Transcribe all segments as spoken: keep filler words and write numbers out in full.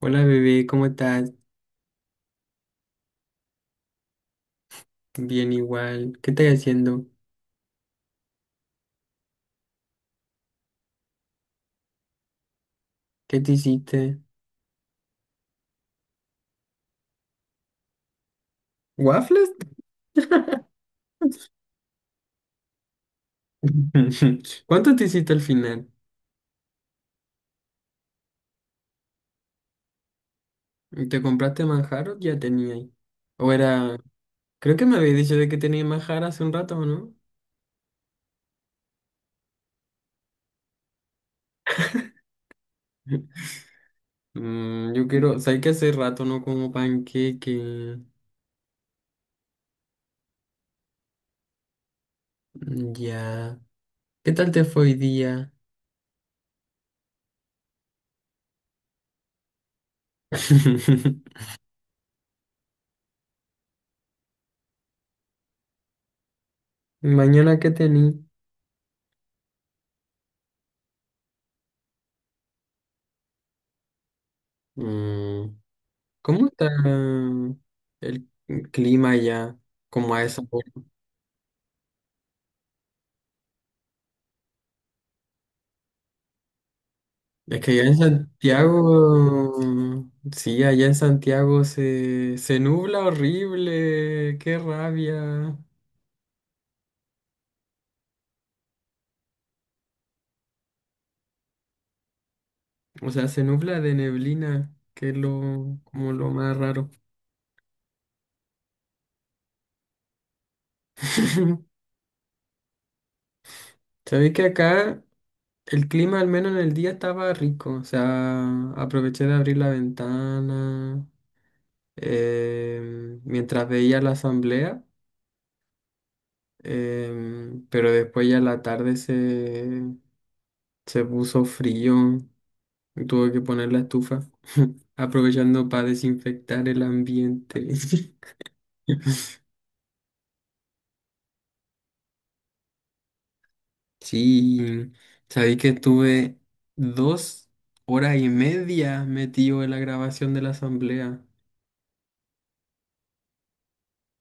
Hola bebé, ¿cómo estás? Bien igual. ¿Qué estás haciendo? ¿Qué te hiciste? ¿Waffles? ¿Cuánto te hiciste al final? ¿Te compraste manjar o ya tenía ahí? O era... Creo que me habías dicho de que tenía manjar hace un rato, ¿no? Mm, yo quiero... ¿Sabes que hace rato no como panqueque? Mm, ya. ¿Qué tal te fue hoy día? ¿Mañana qué tení? Mm, ¿Cómo está el clima allá? Como a esa hora. Es que allá en Santiago, sí, allá en Santiago se, se nubla horrible, qué rabia. O sea, se nubla de neblina, que es lo, como lo más raro. Sabéis que acá el clima, al menos en el día, estaba rico. O sea, aproveché de abrir la ventana eh, mientras veía la asamblea. Em, pero después ya la tarde se, se puso frío y tuve que poner la estufa, aprovechando para desinfectar el ambiente. Sí, sabí que estuve dos horas y media metido en la grabación de la asamblea,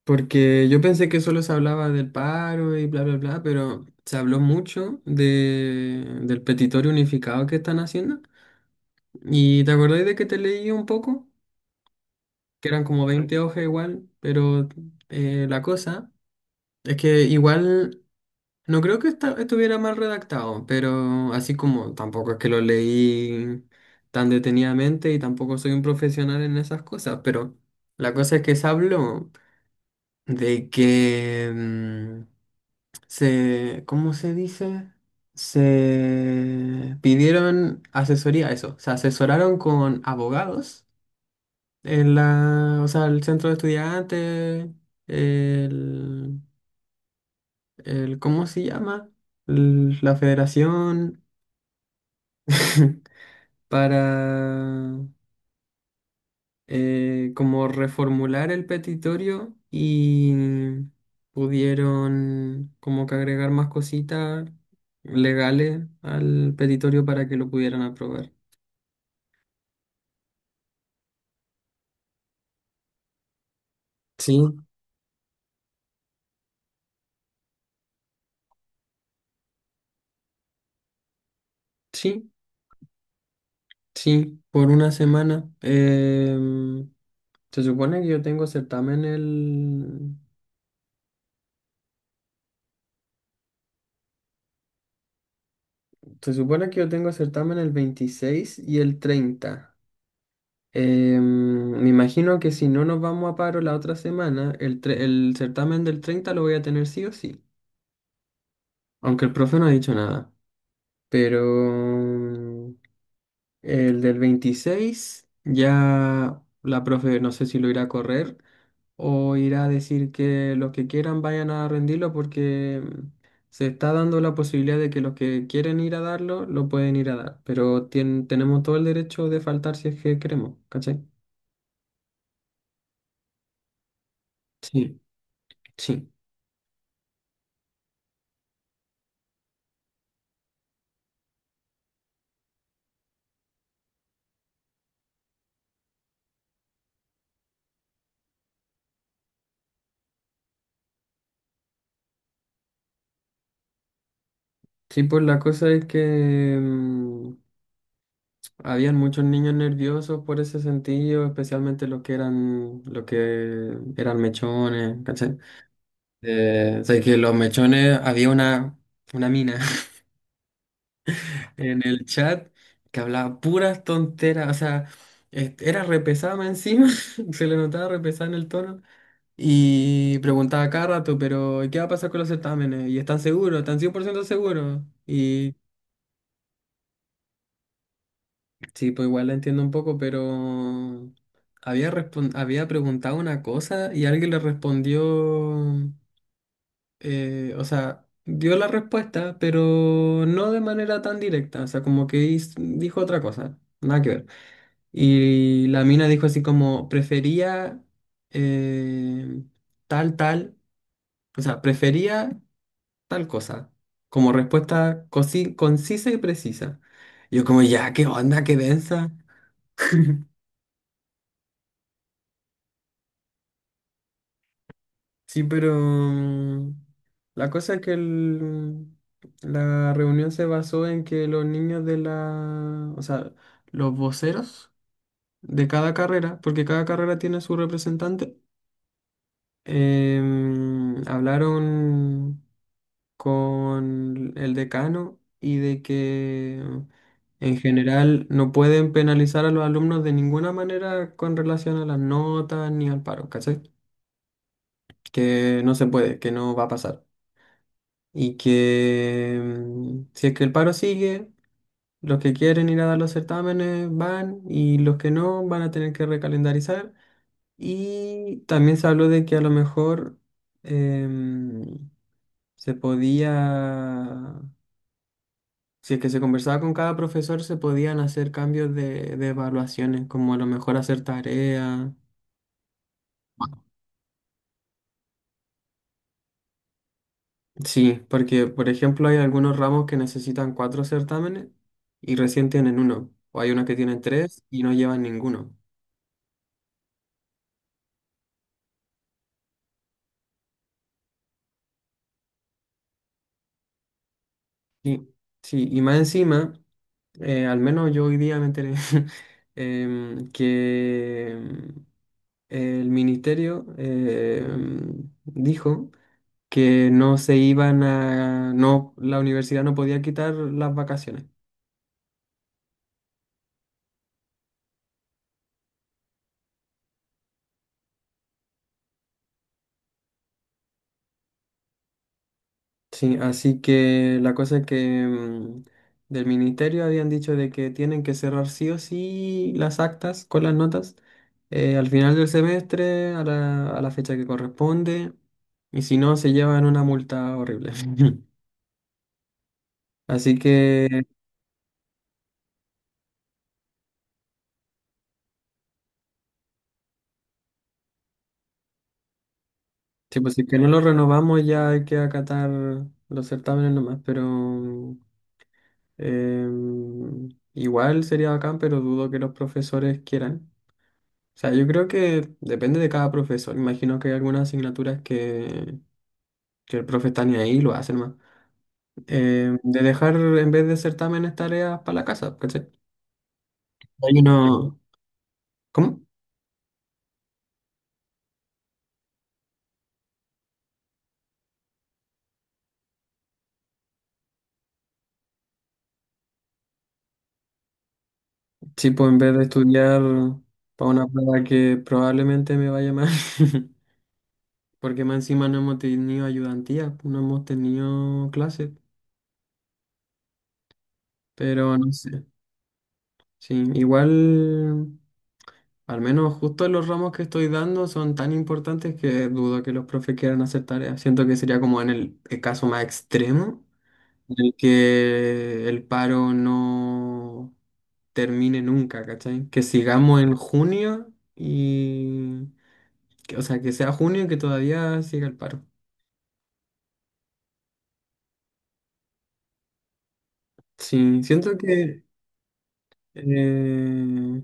porque yo pensé que solo se hablaba del paro y bla, bla, bla, pero se habló mucho de, del petitorio unificado que están haciendo. ¿Y te acordáis de que te leí un poco? Que eran como veinte hojas igual, pero eh, la cosa es que igual no creo que esta- estuviera mal redactado, pero así como tampoco es que lo leí tan detenidamente y tampoco soy un profesional en esas cosas, pero la cosa es que se habló de que mm, se, ¿cómo se dice? Se pidieron asesoría, eso, se asesoraron con abogados en la, o sea, el centro de estudiantes, el, el ¿cómo se llama? L- La federación, para eh, como reformular el petitorio y pudieron como que agregar más cositas legales al petitorio para que lo pudieran aprobar. Sí, sí, sí, por una semana. Em, Se supone que yo tengo certamen el... Se supone que yo tengo certamen el veintiséis y el treinta. Em, me imagino que si no nos vamos a paro la otra semana, el, tre- el certamen del treinta lo voy a tener sí o sí. Aunque el profe no ha dicho nada. Pero em, el del veintiséis ya la profe no sé si lo irá a correr, o ir a decir que los que quieran vayan a rendirlo, porque mm, se está dando la posibilidad de que los que quieren ir a darlo lo pueden ir a dar, pero tien- tenemos todo el derecho de faltar si es que queremos, ¿cachai? Sí, sí. Sí, pues la cosa es que mm, habían muchos niños nerviosos por ese sentido, especialmente los que eran los que eran mechones, ¿cachai? Eh, o sea, que los mechones había una una mina en el chat que hablaba puras tonteras, o sea, este, era repesada más encima, se le notaba repesada en el tono. Y preguntaba cada rato, pero ¿y ¿qué va a pasar con los certámenes? ¿Y están seguros? ¿Están cien por ciento seguros? Y sí, pues igual la entiendo un poco, pero había, respon- había preguntado una cosa y alguien le respondió, eh, o sea, dio la respuesta, pero no de manera tan directa, o sea, como que hiz- dijo otra cosa, nada que ver. Y la mina dijo así como, prefería eh, tal, tal, o sea, prefería tal cosa, como respuesta cosi- concisa y precisa. Yo como, ya, qué onda, qué densa. Sí, pero mm, la cosa es que el- la reunión se basó en que los niños de la, o sea, los voceros de cada carrera, porque cada carrera tiene su representante, em, hablaron con el decano y de que en general no pueden penalizar a los alumnos de ninguna manera con relación a las notas ni al paro, ¿cachai? Que no se puede, que no va a pasar. Y que mm, si es que el paro sigue, los que quieren ir a dar los certámenes van y los que no van a tener que recalendarizar. Y también se habló de que a lo mejor em, se podía. Si es que se conversaba con cada profesor, se podían hacer cambios de, de evaluaciones, como a lo mejor hacer tareas. Sí, porque por ejemplo hay algunos ramos que necesitan cuatro certámenes y recién tienen uno, o hay unos que tienen tres y no llevan ninguno. Sí, sí, y más encima, eh, al menos yo hoy día me enteré em, que em, el ministerio em, dijo que no se iban a, no, la universidad no podía quitar las vacaciones. Sí, así que la cosa es que mm, del ministerio habían dicho de que tienen que cerrar sí o sí las actas con las notas eh, al final del semestre, a la, a la fecha que corresponde, y si no, se llevan una multa horrible. Así que, sí, pues si es que no lo renovamos ya hay que acatar los certámenes nomás, pero mm, Em, igual sería bacán, pero dudo que los profesores quieran. O sea, yo creo que depende de cada profesor. Imagino que hay algunas asignaturas que, que el profe está ni ahí, lo hacen más. Em, de dejar, en vez de certámenes, tareas para la casa, ¿cachai? Hay uno... ¿Cómo? Sí, pues en vez de estudiar para una prueba que probablemente me vaya mal, porque más encima no hemos tenido ayudantía, no hemos tenido clases, pero no sé. Sí, igual. Al menos justo los ramos que estoy dando son tan importantes que dudo que los profes quieran hacer tareas. Siento que sería como en el, el caso más extremo, en el que el paro no termine nunca, ¿cachai? Que sigamos en junio y... que, o sea, que sea junio y que todavía siga el paro. Sí, siento que... eh,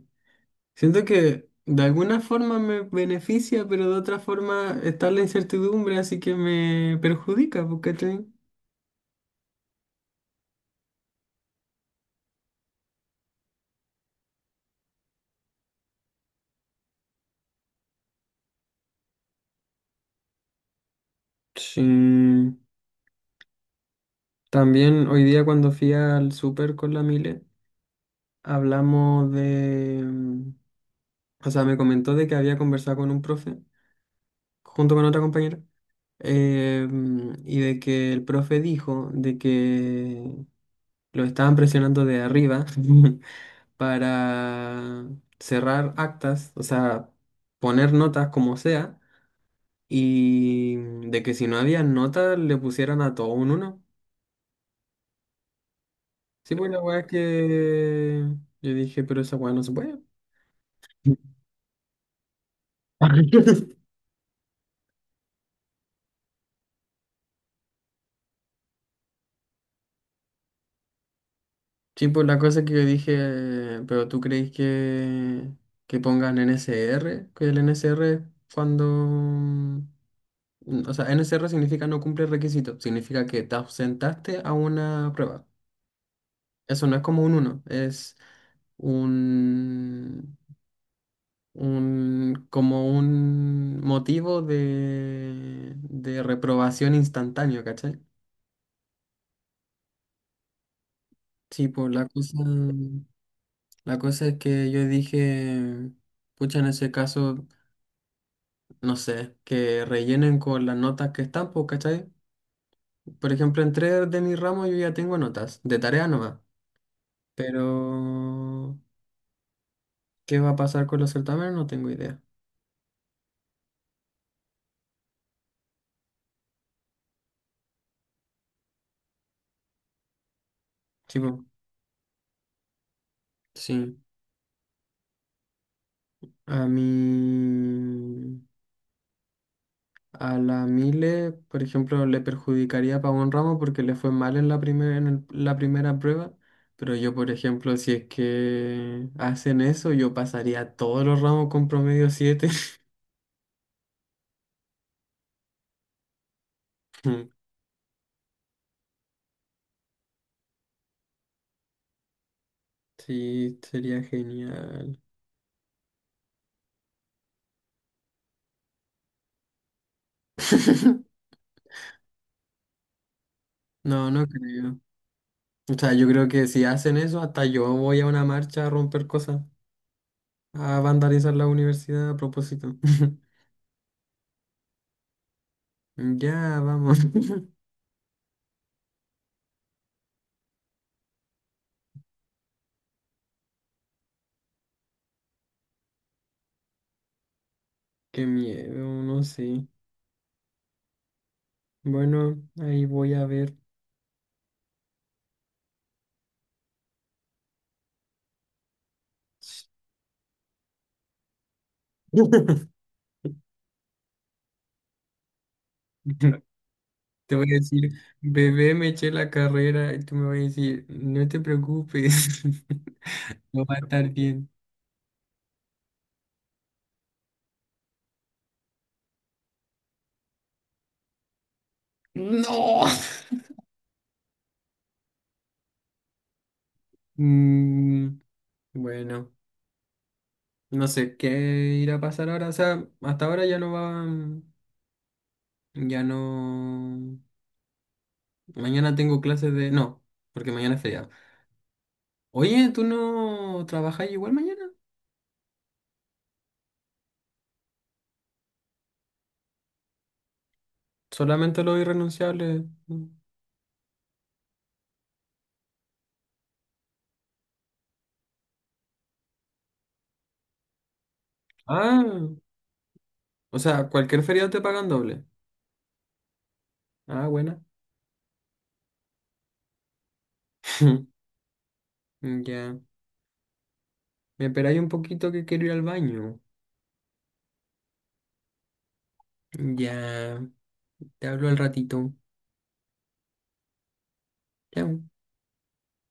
siento que de alguna forma me beneficia, pero de otra forma está la incertidumbre, así que me perjudica, pues, ¿cachai? Sí, también hoy día cuando fui al súper con la Mile, hablamos de, mm, o sea, me comentó de que había conversado con un profe, junto con otra compañera, eh, mm, y de que el profe dijo de que lo estaban presionando de arriba para cerrar actas, o sea, poner notas como sea, y de que si no había notas le pusieran a todo un uno. Sí, pues la weá que yo dije, pero esa weá no se puede. Sí, pues la cosa que yo dije, eh, pero tú crees que, que pongan N S R, que el N S R cuando, mm, o sea, N S R significa no cumple requisitos, significa que te ausentaste a una prueba. Eso no es como un uno, es un, un como un motivo de, de reprobación instantáneo, ¿cachai? Sí, pues la cosa, la cosa, es que yo dije, pucha, en ese caso, no sé, que rellenen con las notas que están, pues, ¿cachai? Por ejemplo, en tres de mi ramo yo ya tengo notas, de tarea nomás, pero ¿qué va a pasar con los certámenes? No tengo idea. Sí, pues, sí. A mí... A la Mile, por ejemplo, le perjudicaría a Pavón Ramos porque le fue mal en la primera, en el- la primera prueba. Pero yo, por ejemplo, si es que hacen eso, yo pasaría todos los ramos con promedio siete. Sí, sería genial. No, no creo. O sea, yo creo que si hacen eso, hasta yo voy a una marcha a romper cosas, a vandalizar la universidad a propósito. Ya, vamos. Qué miedo, no sé. Bueno, ahí voy a ver. Te voy a decir, bebé, me eché la carrera y tú me vas a decir, no te preocupes, no va a estar bien. No. Mm, bueno, no sé qué irá a pasar ahora. O sea, hasta ahora ya no va, ya no. Mañana tengo clases de. No, porque mañana es feriado. Oye, ¿tú no trabajas igual mañana? Solamente los irrenunciables. Ah, o sea, cualquier feriado te pagan doble. Ah, buena. Mm, ya, me esperáis un poquito que quiero ir al baño. Ya, te hablo al ratito. Chao.